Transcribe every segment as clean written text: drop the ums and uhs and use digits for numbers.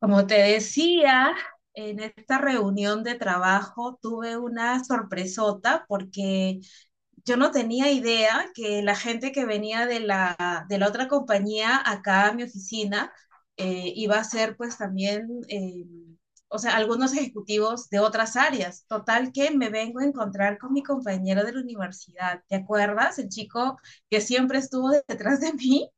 Como te decía, en esta reunión de trabajo tuve una sorpresota porque yo no tenía idea que la gente que venía de la otra compañía acá a mi oficina iba a ser pues también, o sea, algunos ejecutivos de otras áreas. Total que me vengo a encontrar con mi compañero de la universidad, ¿te acuerdas? El chico que siempre estuvo detrás de mí.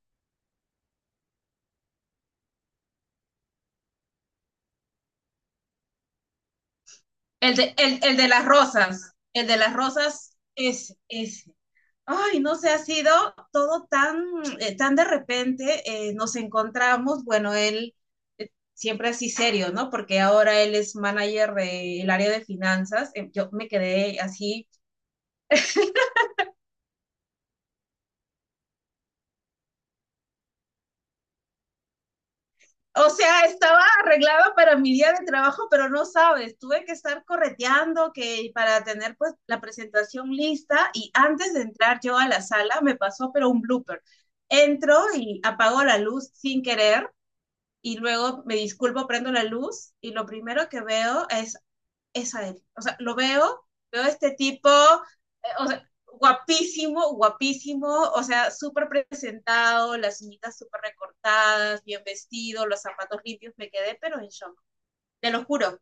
El de las rosas, el de las rosas, ese, ese. Ay, no sé, ha sido todo tan de repente, nos encontramos, bueno, él siempre así serio, ¿no? Porque ahora él es manager del área de finanzas. Yo me quedé así. O sea, estaba arreglada para mi día de trabajo, pero no sabes, tuve que estar correteando que para tener pues la presentación lista, y antes de entrar yo a la sala me pasó pero un blooper. Entro y apago la luz sin querer y luego me disculpo, prendo la luz y lo primero que veo es a él. O sea, lo veo, veo este tipo, o sea, guapísimo, guapísimo, o sea, súper presentado, las uñitas súper recortadas, bien vestido, los zapatos limpios, me quedé, pero en shock. Te lo juro,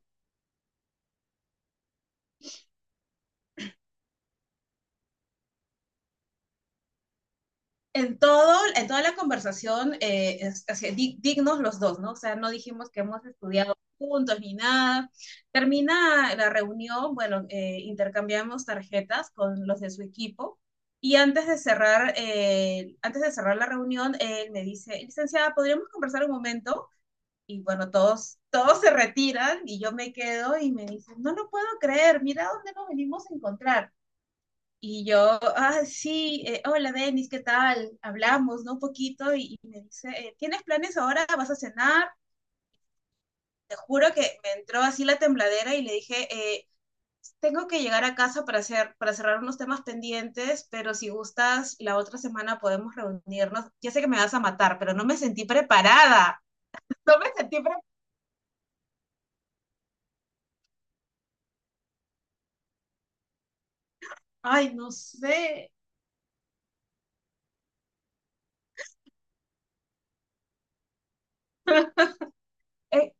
en toda la conversación, así, dignos los dos, ¿no? O sea, no dijimos que hemos estudiado juntos ni nada. Termina la reunión, bueno, intercambiamos tarjetas con los de su equipo. Y antes de cerrar la reunión, él me dice, licenciada, ¿podríamos conversar un momento? Y bueno, todos se retiran y yo me quedo y me dicen, no lo puedo creer, mira dónde nos venimos a encontrar. Y yo, ah, sí, hola Denis, ¿qué tal? Hablamos, ¿no? Un poquito y me dice, ¿tienes planes ahora? ¿Vas a cenar? Te juro que me entró así la tembladera y le dije, eh, tengo que llegar a casa para cerrar unos temas pendientes, pero si gustas, la otra semana podemos reunirnos. Ya sé que me vas a matar, pero no me sentí preparada. No me sentí preparada. Ay, no sé. Eh,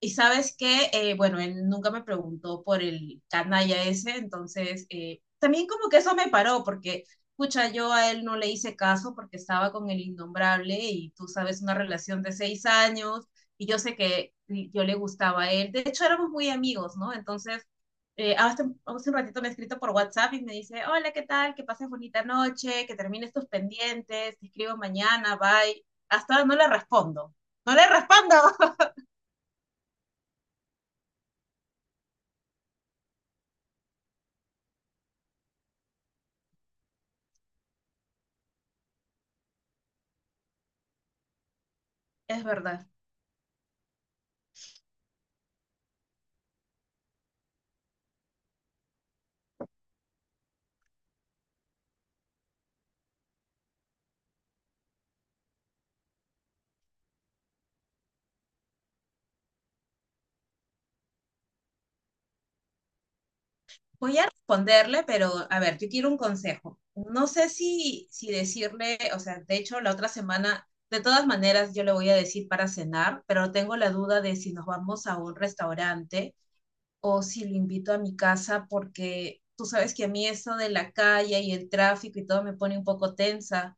Y sabes que, bueno, él nunca me preguntó por el canalla ese, entonces también como que eso me paró, porque, escucha, yo a él no le hice caso porque estaba con el innombrable y tú sabes, una relación de 6 años, y yo sé que yo le gustaba a él. De hecho, éramos muy amigos, ¿no? Entonces, hace un ratito me ha escrito por WhatsApp y me dice, hola, ¿qué tal? Que pases bonita noche, que termines tus pendientes, te escribo mañana, bye. Hasta no le respondo. No le respondo. Es verdad. Voy a responderle, pero a ver, yo quiero un consejo. No sé si decirle, o sea, de hecho, la otra semana, de todas maneras, yo le voy a decir para cenar, pero tengo la duda de si nos vamos a un restaurante o si lo invito a mi casa, porque tú sabes que a mí eso de la calle y el tráfico y todo me pone un poco tensa.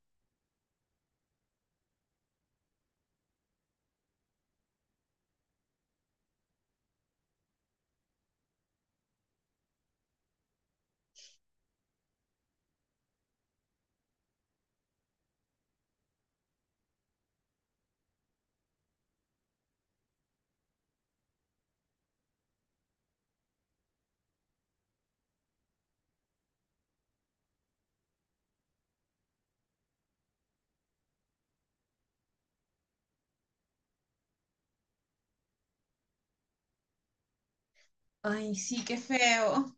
Ay, sí, qué feo.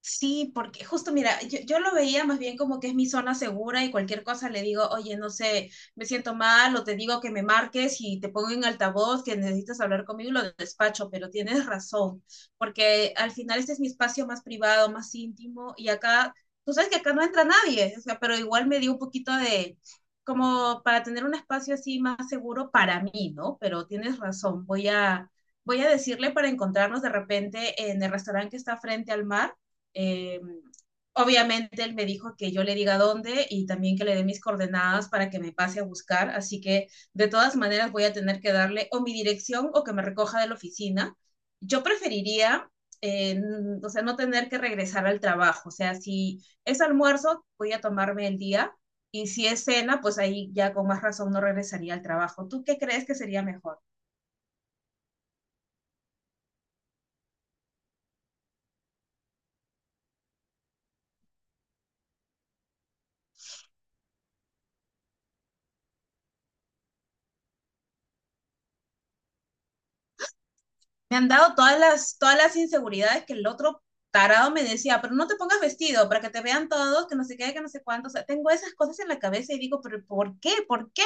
Sí, porque justo mira, yo lo veía más bien como que es mi zona segura y cualquier cosa le digo, oye, no sé, me siento mal, o te digo que me marques y te pongo en altavoz, que necesitas hablar conmigo, lo despacho, pero tienes razón, porque al final este es mi espacio más privado, más íntimo, y acá, tú sabes que acá no entra nadie, o sea, pero igual me dio un poquito de, como para tener un espacio así más seguro para mí, ¿no? Pero tienes razón, voy a decirle para encontrarnos de repente en el restaurante que está frente al mar. eh, Obviamente él me dijo que yo le diga dónde y también que le dé mis coordenadas para que me pase a buscar, así que de todas maneras voy a tener que darle o mi dirección o que me recoja de la oficina. Yo preferiría, eh, o sea, no tener que regresar al trabajo. O sea, si es almuerzo, voy a tomarme el día. Y si es cena, pues ahí ya con más razón no regresaría al trabajo. ¿Tú qué crees que sería mejor? Me han dado todas las inseguridades que el otro tarado me decía, pero no te pongas vestido para que te vean todos, que no sé qué, que no sé cuánto. O sea, tengo esas cosas en la cabeza y digo, pero ¿por qué? ¿Por qué?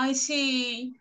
Ay, sí,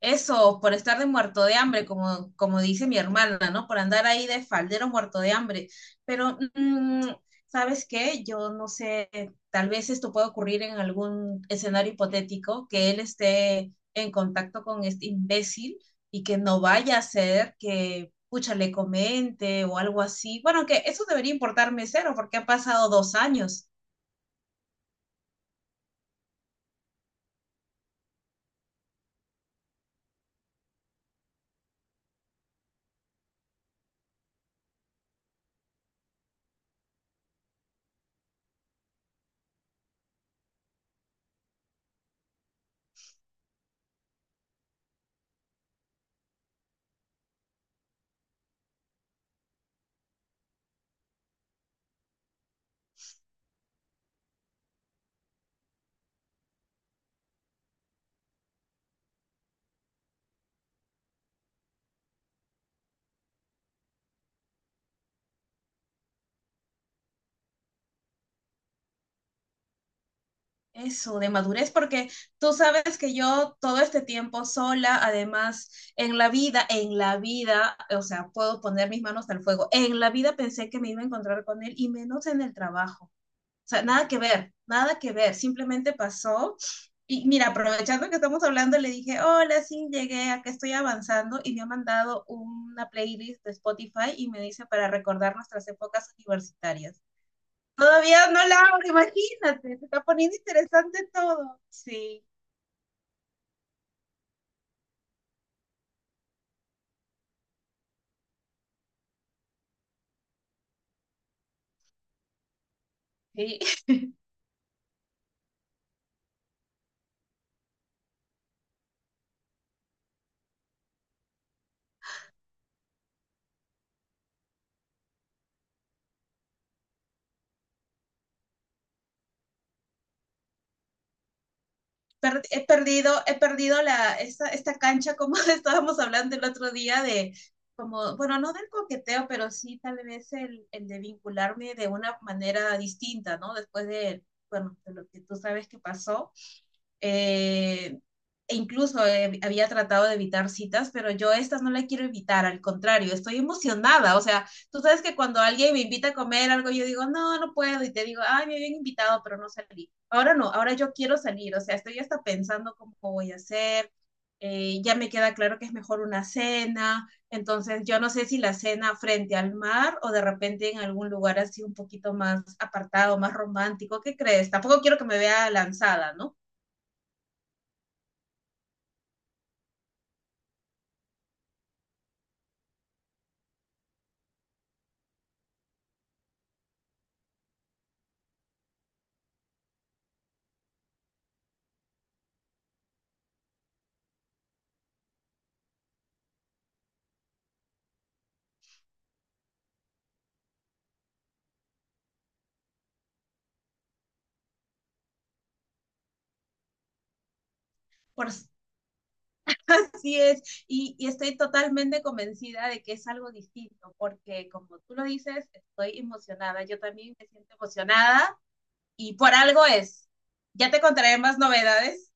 eso, por estar de muerto de hambre, como dice mi hermana, ¿no? Por andar ahí de faldero muerto de hambre. Pero, ¿sabes qué? Yo no sé, tal vez esto pueda ocurrir en algún escenario hipotético, que él esté en contacto con este imbécil y que no vaya a ser que pucha, le comente o algo así. Bueno, que eso debería importarme cero porque ha pasado 2 años. Eso, de madurez, porque tú sabes que yo todo este tiempo sola, además, en la vida, o sea, puedo poner mis manos al fuego, en la vida pensé que me iba a encontrar con él, y menos en el trabajo. O sea, nada que ver, nada que ver, simplemente pasó. Y mira, aprovechando que estamos hablando, le dije, hola, sí, llegué, acá estoy avanzando, y me ha mandado una playlist de Spotify y me dice para recordar nuestras épocas universitarias. Todavía no la abro, imagínate, se está poniendo interesante todo. Sí, sí. He perdido esta cancha, como estábamos hablando el otro día de, como, bueno, no del coqueteo, pero sí tal vez el de vincularme de una manera distinta, ¿no? Después de, bueno, de lo que tú sabes que pasó. eh, e incluso había tratado de evitar citas, pero yo estas no la quiero evitar, al contrario, estoy emocionada. O sea, tú sabes que cuando alguien me invita a comer algo, yo digo, no, no puedo, y te digo, ay, me habían invitado, pero no salí. Ahora no, ahora yo quiero salir, o sea, estoy hasta pensando cómo voy a hacer. Ya me queda claro que es mejor una cena, entonces yo no sé si la cena frente al mar o de repente en algún lugar así un poquito más apartado, más romántico, ¿qué crees? Tampoco quiero que me vea lanzada, ¿no? Por, Así es, y, estoy totalmente convencida de que es algo distinto, porque como tú lo dices, estoy emocionada, yo también me siento emocionada, y por algo es. Ya te contaré más novedades.